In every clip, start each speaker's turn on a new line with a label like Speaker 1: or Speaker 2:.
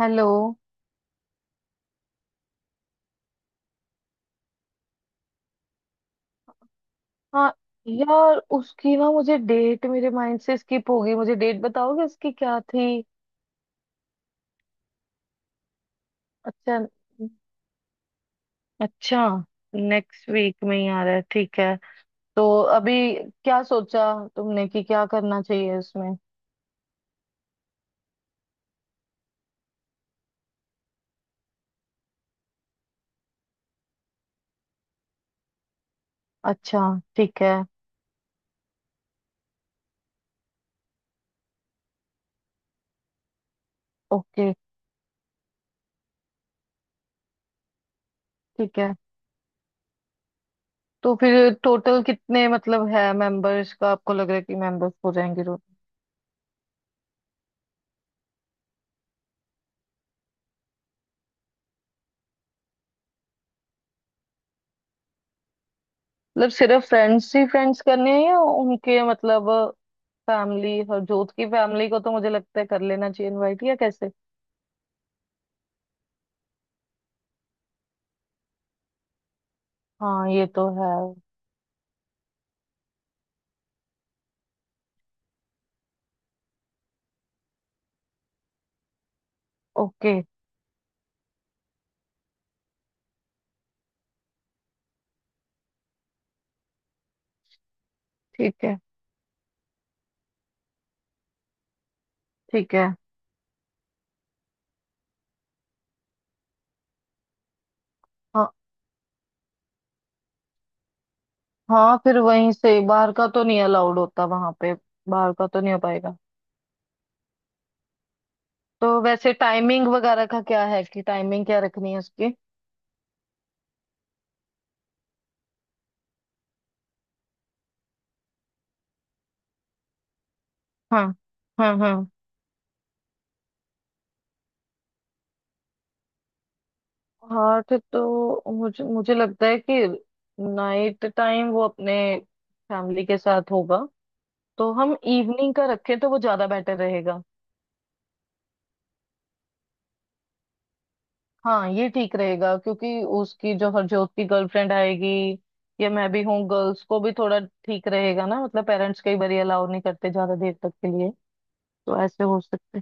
Speaker 1: Hello. हाँ यार, उसकी ना मुझे डेट, मेरे माइंड से स्किप हो गई। मुझे डेट बताओगे उसकी क्या थी? अच्छा, अच्छा, नेक्स्ट वीक में ही आ रहा है, ठीक है। तो अभी क्या सोचा तुमने, कि क्या करना चाहिए उसमें? अच्छा। ठीक है। ओके। ठीक है, तो फिर टोटल कितने, मतलब है मेंबर्स का, आपको लग रहा है कि मेंबर्स हो जाएंगे तो? मतलब सिर्फ फ्रेंड्स ही फ्रेंड्स करने हैं या उनके मतलब फैमिली, और जोत की फैमिली को तो मुझे लगता है कर लेना चाहिए इनवाइट, या कैसे? हाँ ये तो है। ओके। ठीक है। ठीक है। हाँ। हाँ, फिर वहीं से, बाहर का तो नहीं अलाउड होता वहां पे। बाहर का तो नहीं हो पाएगा। तो वैसे टाइमिंग वगैरह का क्या है, कि टाइमिंग क्या रखनी है उसकी? हाँ। हाँ। हाँ। हाँ ठीक, तो मुझे मुझे लगता है कि नाइट टाइम वो अपने फैमिली के साथ होगा। तो हम इवनिंग का रखें तो वो ज्यादा बेटर रहेगा। हाँ ये ठीक रहेगा, क्योंकि उसकी, जो हरजोत की गर्लफ्रेंड आएगी, या मैं भी हूँ, गर्ल्स को भी थोड़ा ठीक रहेगा ना, मतलब पेरेंट्स कई बार अलाउ नहीं करते ज्यादा देर तक के लिए। तो ऐसे हो सकते।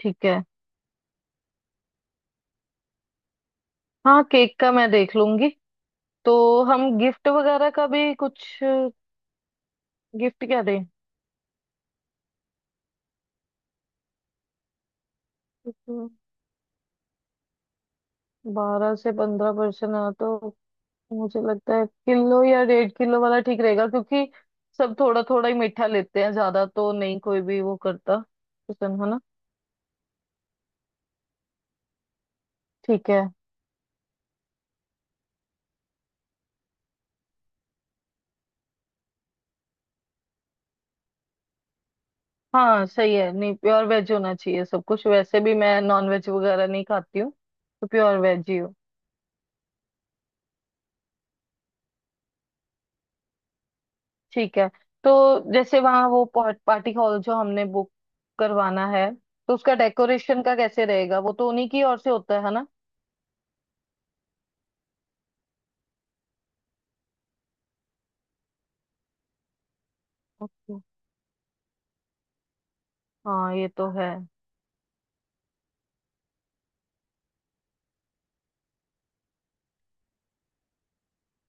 Speaker 1: ठीक है। हाँ केक का मैं देख लूंगी। तो हम गिफ्ट वगैरह का भी कुछ, गिफ्ट क्या दें? 12 से 15% आ तो, मुझे लगता है किलो या 1.5 किलो वाला ठीक रहेगा, क्योंकि सब थोड़ा थोड़ा ही मीठा लेते हैं, ज्यादा तो नहीं कोई भी वो करता पसंद है ना। ठीक है। हाँ सही है, नहीं प्योर वेज होना चाहिए सब कुछ, वैसे भी मैं नॉन वेज वगैरह नहीं खाती हूँ। तो प्योर वेज ही हो। ठीक है। तो जैसे वहाँ वो पार्टी हॉल जो हमने बुक करवाना है, तो उसका डेकोरेशन का कैसे रहेगा, वो तो उन्हीं की ओर से होता है ना? ओके। हाँ ये तो है।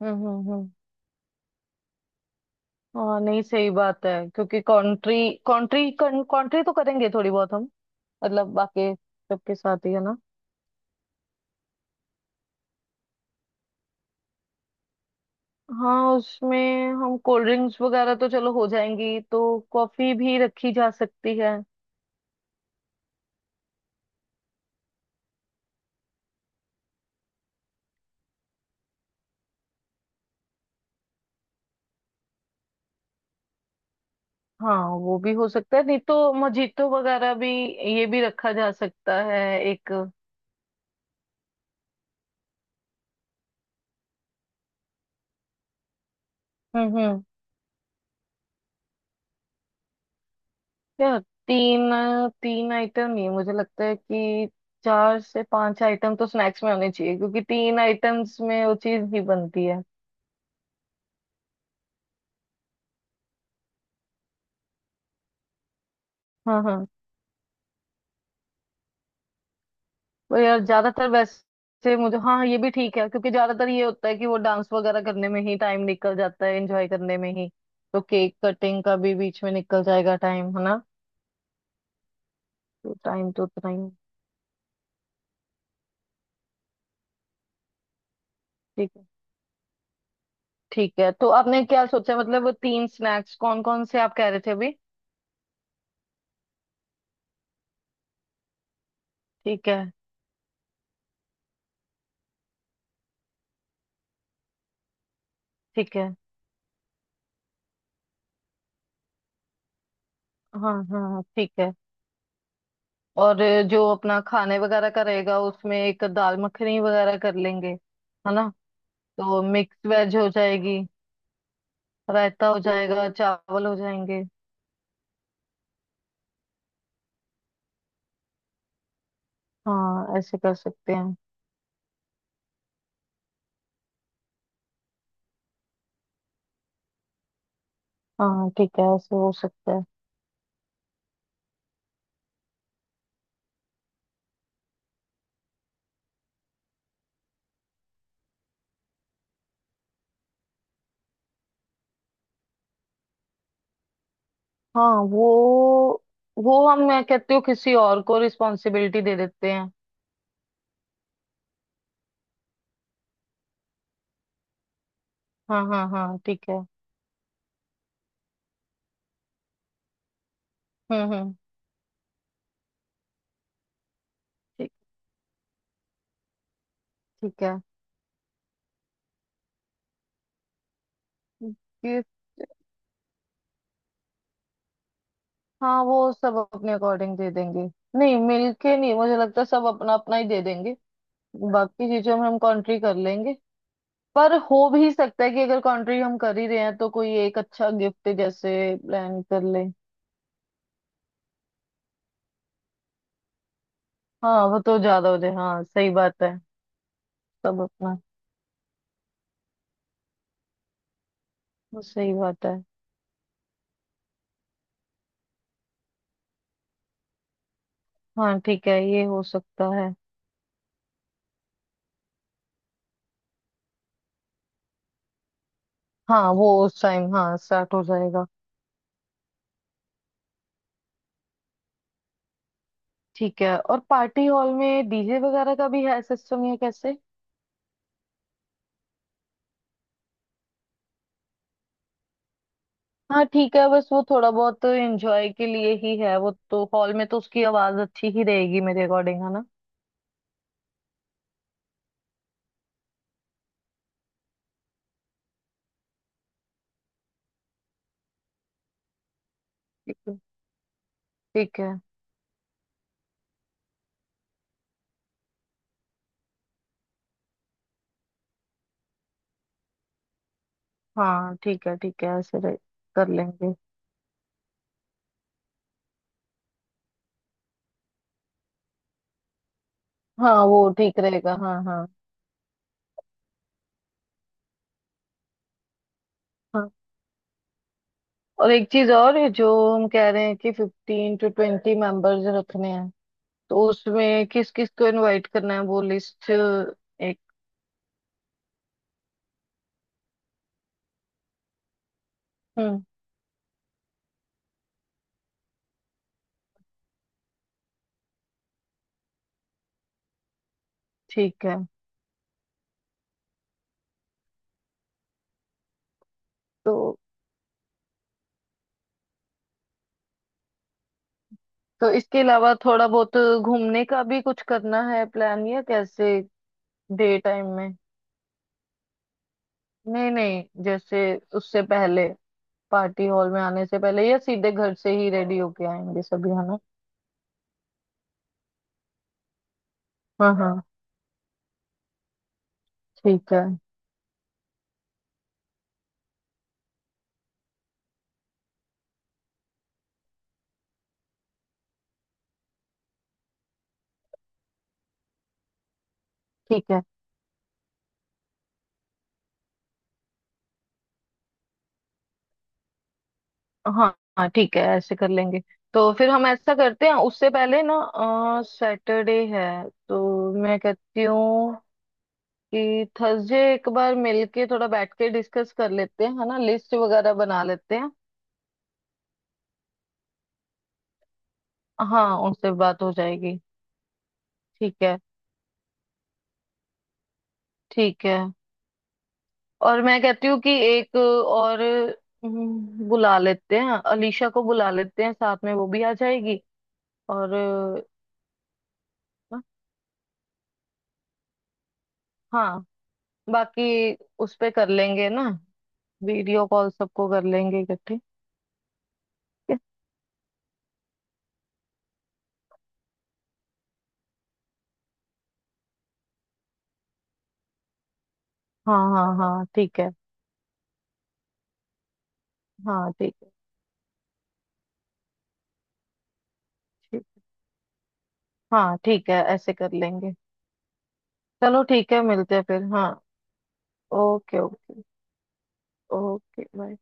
Speaker 1: हम्म। हाँ नहीं, सही बात है, क्योंकि कंट्री कंट्री कंट्री तो करेंगे थोड़ी बहुत हम, मतलब बाकी सबके साथ ही है ना। हाँ उसमें हम कोल्ड ड्रिंक्स वगैरह तो चलो हो जाएंगी, तो कॉफी भी रखी जा सकती है। हाँ वो भी हो सकता है, नहीं तो मजीतो वगैरह भी ये भी रखा जा सकता है एक। हम्म। यार तीन तीन आइटम नहीं, मुझे लगता है कि चार से पांच आइटम तो स्नैक्स में होने चाहिए, क्योंकि तीन आइटम्स में वो चीज नहीं बनती है। हाँ हाँ, पर यार ज्यादातर वैसे मुझे, हाँ ये भी ठीक है, क्योंकि ज्यादातर ये होता है कि वो डांस वगैरह करने में ही टाइम निकल जाता है, एंजॉय करने में ही। तो केक कटिंग का भी बीच में निकल जाएगा टाइम, है ना? तो टाइम तो उतना ही है। ठीक है। ठीक है, तो आपने क्या सोचा, मतलब वो तीन स्नैक्स कौन कौन से, आप कह रहे थे अभी? ठीक है। ठीक है। हाँ हाँ हाँ, ठीक है। और जो अपना खाने वगैरह का रहेगा, उसमें एक दाल मखनी वगैरह कर लेंगे, है ना? तो मिक्स वेज हो जाएगी, रायता हो जाएगा, चावल हो जाएंगे। हाँ ऐसे कर सकते हैं। हाँ ठीक है, ऐसे हो सकता है। हाँ वो हम मैं कहती हूँ किसी और को रिस्पॉन्सिबिलिटी दे देते हैं। हाँ हाँ हाँ, ठीक है। हम्म। ठीक। ठीक है। गिफ्ट। हाँ वो सब अपने अकॉर्डिंग दे देंगे। नहीं मिलके नहीं, मुझे लगता है सब अपना अपना ही दे देंगे। बाकी चीजों में हम कॉन्ट्री कर लेंगे, पर हो भी सकता है कि अगर कॉन्ट्री हम कर ही रहे हैं, तो कोई एक अच्छा गिफ्ट जैसे प्लान कर ले। हाँ वो तो ज्यादा हो जाए, हाँ सही बात है। सब अपना, वो सही बात है। हाँ ठीक है, ये हो सकता है। हाँ वो उस टाइम हाँ स्टार्ट हो जाएगा। ठीक है। और पार्टी हॉल में डीजे वगैरह का भी है सिस्टम, या कैसे? हाँ ठीक है, बस वो थोड़ा बहुत एंजॉय के लिए ही है, वो तो हॉल में तो उसकी आवाज अच्छी ही रहेगी मेरे अकॉर्डिंग, है ना? ठीक है। ठीक है। हाँ ठीक है, ठीक है, कर लेंगे। हाँ वो ठीक रहेगा, हाँ हाँ। हाँ, और एक चीज और है, जो हम कह रहे हैं कि 15 से 20 मेंबर्स रखने हैं, तो उसमें किस किस को इनवाइट करना है, वो लिस्ट एक। हम्म। ठीक है। तो तो इसके अलावा थोड़ा बहुत घूमने का भी कुछ करना है प्लान, या कैसे? डे टाइम में। नहीं नहीं, जैसे उससे पहले पार्टी हॉल में आने से पहले, या सीधे घर से ही रेडी होके आएंगे सभी, है ना? हाँ हाँ। ठीक है। ठीक है। हाँ हाँ, ठीक है, ऐसे कर लेंगे। तो फिर हम ऐसा करते हैं उससे पहले ना, सैटरडे है, तो मैं कहती हूँ कि थर्सडे एक बार मिलके थोड़ा बैठ के डिस्कस कर लेते हैं, है ना, लिस्ट वगैरह बना लेते हैं। हाँ उनसे बात हो जाएगी। ठीक है। ठीक है। और मैं कहती हूँ कि एक और, बुला लेते हैं, अलीशा को बुला लेते हैं साथ में, वो भी आ जाएगी। और हाँ, बाकी उस पे कर लेंगे ना, वीडियो कॉल सबको कर लेंगे इकट्ठे, ठीक है? हाँ हाँ हाँ, ठीक है। हाँ ठीक है। ठीक। हाँ ठीक है, ऐसे कर लेंगे। चलो ठीक है, मिलते हैं फिर, हाँ। Okay okay. Okay bye.